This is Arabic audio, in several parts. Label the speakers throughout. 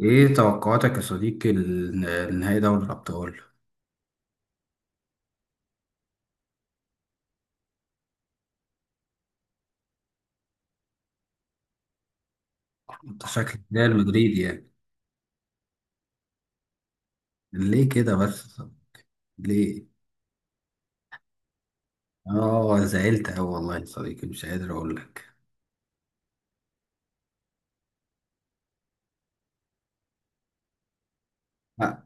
Speaker 1: ايه توقعاتك يا صديقي لنهائي دوري الابطال؟ انت شكلك ده المدريد يعني. ليه كده بس؟ ليه؟ اه، زعلت اوي والله يا صديقي، مش قادر اقول لك. لا،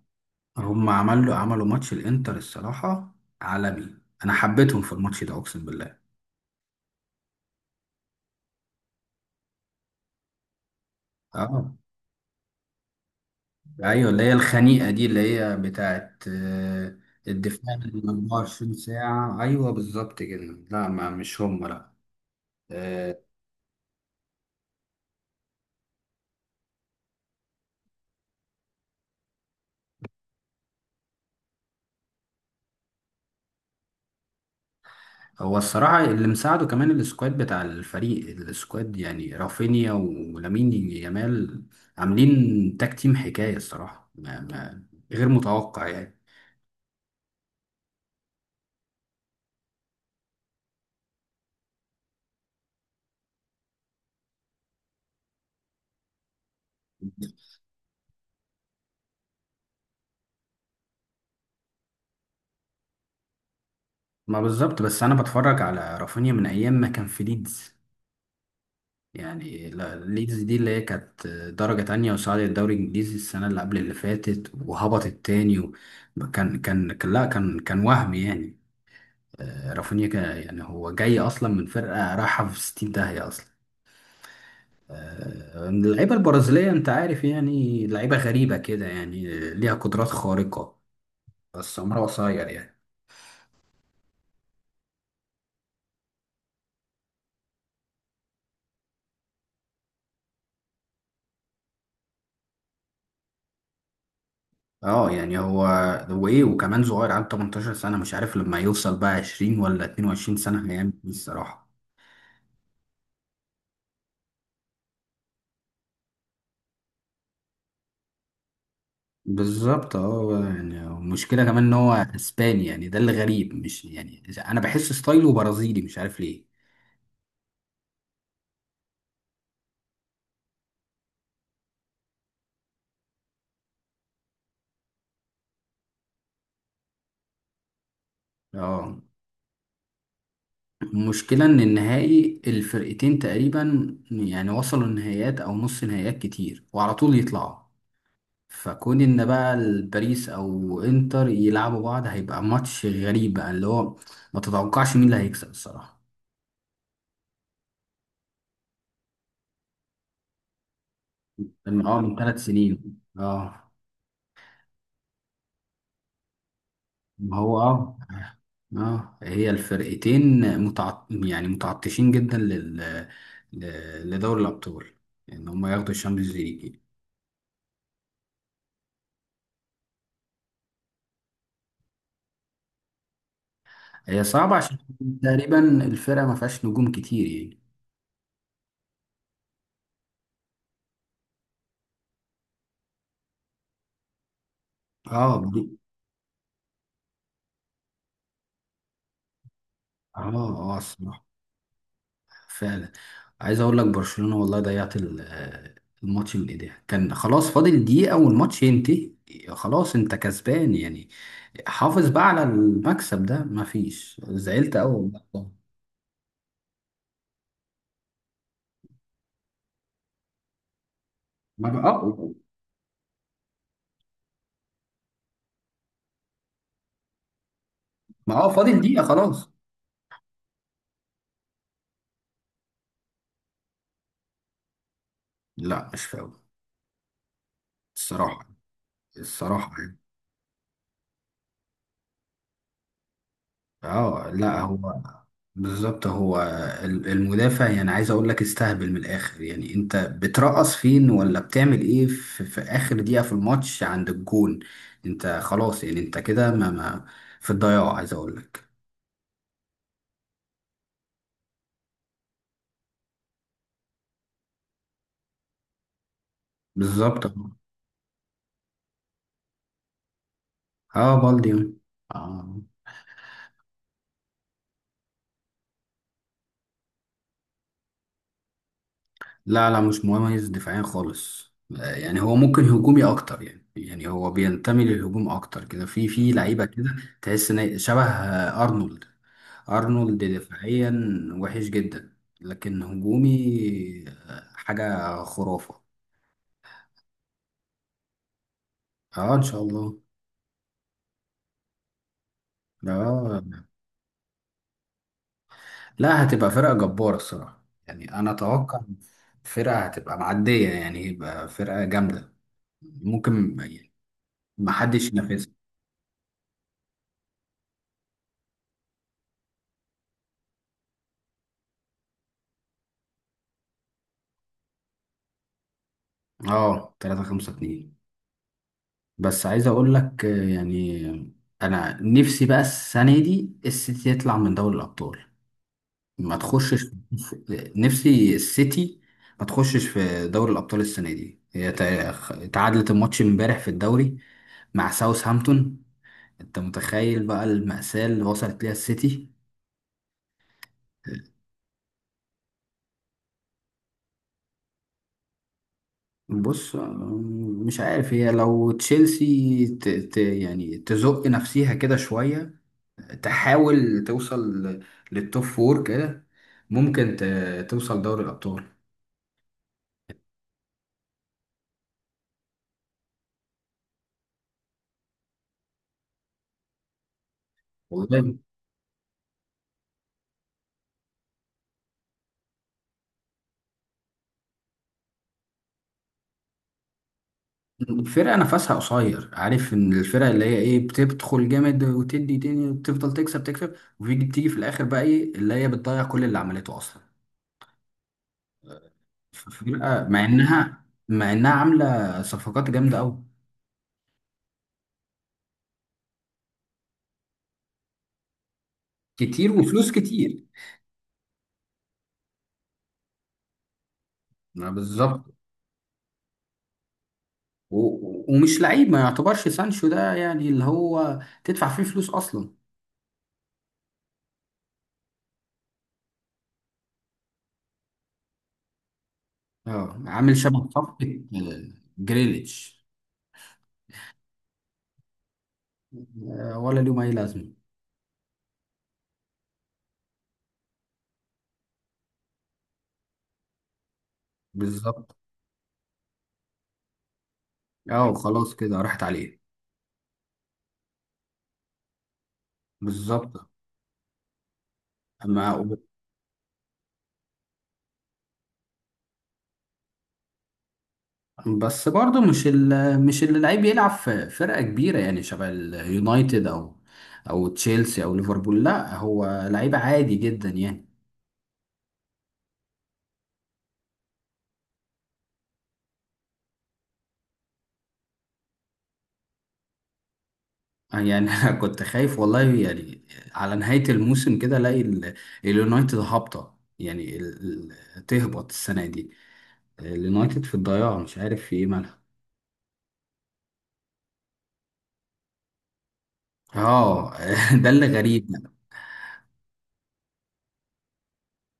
Speaker 1: هم عملوا ماتش، الانتر الصراحه عالمي. انا حبيتهم في الماتش ده، اقسم بالله. اه، ايوه، اللي هي الخنيقه دي اللي هي بتاعت الدفاع من 24 ساعه، ايوه بالظبط كده. لا، ما مش هم، لا. هو الصراحة اللي مساعده كمان السكواد بتاع الفريق، السكواد يعني رافينيا ولامين يامال، عاملين تاك تيم حكاية الصراحة. ما غير متوقع يعني. ما بالظبط. بس أنا بتفرج على رافينيا من أيام ما كان في ليدز. يعني ليدز دي اللي هي كانت درجة تانية، وصعدت الدوري الإنجليزي السنة اللي قبل اللي فاتت، وهبطت تاني لا، كان وهم يعني. رافينيا يعني هو جاي أصلا من فرقة رايحة في 60 داهية أصلا. اللعيبة البرازيلية، انت عارف يعني، لعيبة غريبة كده يعني، ليها قدرات خارقة بس عمرها قصير يعني. اه يعني هو ايه، وكمان صغير، عنده 18 سنة. مش عارف لما يوصل بقى 20 ولا 22 سنة هيعمل ايه الصراحة. بالظبط. اه يعني المشكلة كمان ان هو اسباني، يعني ده اللي غريب مش يعني. انا بحس ستايله برازيلي، مش عارف ليه. اه، المشكلة ان النهائي الفرقتين تقريبا يعني وصلوا النهائيات او نص نهائيات كتير وعلى طول يطلعوا، فكون ان بقى الباريس او انتر يلعبوا بعض هيبقى ماتش غريب بقى، اللي هو ما تتوقعش مين اللي هيكسب الصراحة. من اه، 3 سنين، اه. ما هو اه. اه، هي الفرقتين يعني متعطشين جدا لدوري الابطال، ان هم ياخدوا الشامبيونز ليج. هي صعبة عشان تقريبا الفرقة ما فيهاش نجوم كتير يعني. اه دي. اه، اه الصراحة، فعلا. عايز اقول لك برشلونة والله ضيعت الماتش من ايديها. كان خلاص فاضل دقيقة والماتش ينتهي، خلاص انت كسبان يعني، حافظ بقى على المكسب ده. مفيش، زعلت قوي والله. ما بقى ما اه، فاضل دقيقة خلاص. لا مش فاول. الصراحة الصراحة يعني. اه لا هو، بالظبط هو. المدافع يعني، عايز اقول لك استهبل من الاخر. يعني انت بترقص فين ولا بتعمل ايه في, اخر دقيقة في الماتش عند الجون؟ انت خلاص يعني، انت كده، ما, في الضياع عايز اقول لك. بالظبط. اه، بالدي. آه. لا لا، مش مميز دفاعيا خالص. يعني هو ممكن هجومي اكتر يعني هو بينتمي للهجوم اكتر كده، في لعيبة كده. تحس ان شبه ارنولد. ارنولد دفاعيا وحش جدا، لكن هجومي حاجة خرافة. اه، ان شاء الله. اه لا، هتبقى فرقة جبارة الصراحة، يعني انا اتوقع فرقة هتبقى معدية يعني، يبقى فرقة جامدة ممكن يعني محدش ينافسها. اه، 3 5 2. بس عايز اقول لك يعني انا نفسي بقى السنة دي السيتي يطلع من دوري الابطال، ما تخشش. نفسي السيتي ما تخشش في دوري الأبطال السنة دي. هي تعادلت الماتش امبارح في الدوري مع ساوثهامبتون. انت متخيل بقى المأساة اللي وصلت ليها السيتي؟ بص، مش عارف. هي لو تشيلسي يعني تزق نفسيها كده شوية، تحاول توصل للتوب فور كده، ممكن توصل دوري الأبطال. والله فرقة نفسها قصير. عارف ان الفرق اللي هي ايه، بتدخل جامد وتدي تاني وتفضل تكسب تكسب، وبيجي بتيجي في الاخر بقى ايه اللي هي بتضيع كل اللي عملته اصلا. فرقة مع انها، عاملة صفقات جامدة قوي، كتير وفلوس كتير. ما بالظبط. ومش لعيب، ما يعتبرش سانشو ده يعني اللي هو تدفع فيه فلوس اصلا. اه، عامل شبه صفقة جريليتش. ولا ليهم اي لازمة. بالظبط. اه خلاص كده راحت عليه. بالظبط. ما بس برضه مش مش اللي لعيب يلعب في فرقة كبيرة يعني شبه اليونايتد او او تشيلسي او ليفربول، لا هو لعيب عادي جدا يعني. يعني انا كنت خايف والله يعني، على نهاية الموسم كده الاقي اليونايتد هابطة يعني تهبط السنة دي. اليونايتد في الضياع، مش عارف في ايه مالها. اه ده اللي غريب.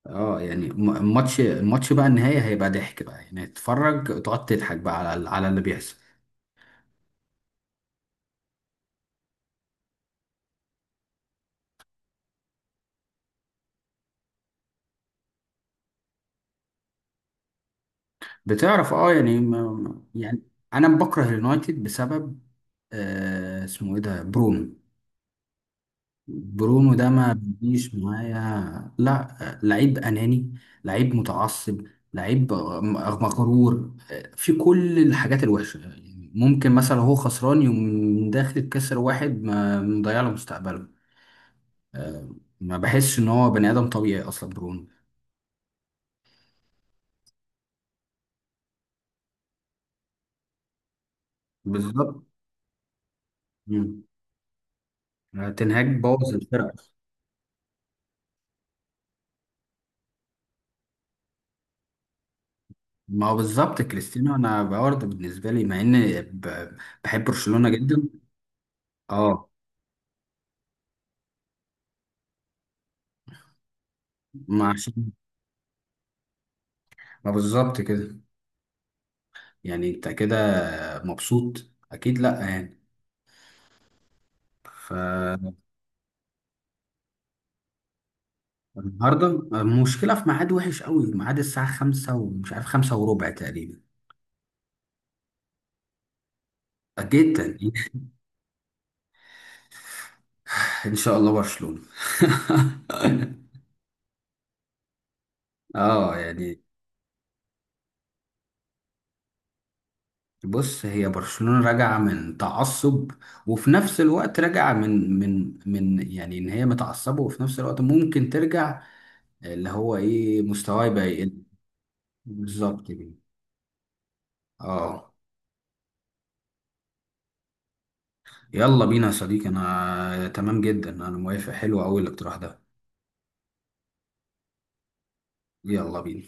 Speaker 1: اه يعني الماتش بقى النهاية هيبقى ضحك بقى، يعني تتفرج تقعد تضحك بقى على اللي بيحصل. بتعرف اه، يعني يعني انا بكره اليونايتد بسبب آه، اسمه ايه ده، برونو. برونو ده ما بيجيش معايا. لا، لعيب اناني، لعيب متعصب، لعيب مغرور، في كل الحاجات الوحشه يعني. ممكن مثلا هو خسران يوم داخل كسر واحد، ما مضيع له مستقبله. آه، ما بحسش ان هو بني ادم طبيعي اصلا برونو. بالظبط. مم. تنهاج بوظ الفرقه. ما هو بالظبط، كريستيانو انا برضه بالنسبه لي، مع ان بحب برشلونه جدا. اه. ما عشان، ما بالظبط كده. يعني انت كده مبسوط اكيد، لا يعني فالنهارده. المشكله في ميعاد وحش قوي، ميعاد الساعه 5 ومش عارف 5:15 تقريبا، جدا. ان شاء الله برشلونه. اه يعني. بص، هي برشلونة راجعة من تعصب، وفي نفس الوقت راجعة من يعني ان هي متعصبة، وفي نفس الوقت ممكن ترجع اللي هو ايه، مستواه يبقى يقل. بالظبط كده. اه. يلا بينا يا صديقي، انا تمام جدا، انا موافق، حلو قوي الاقتراح ده. يلا بينا.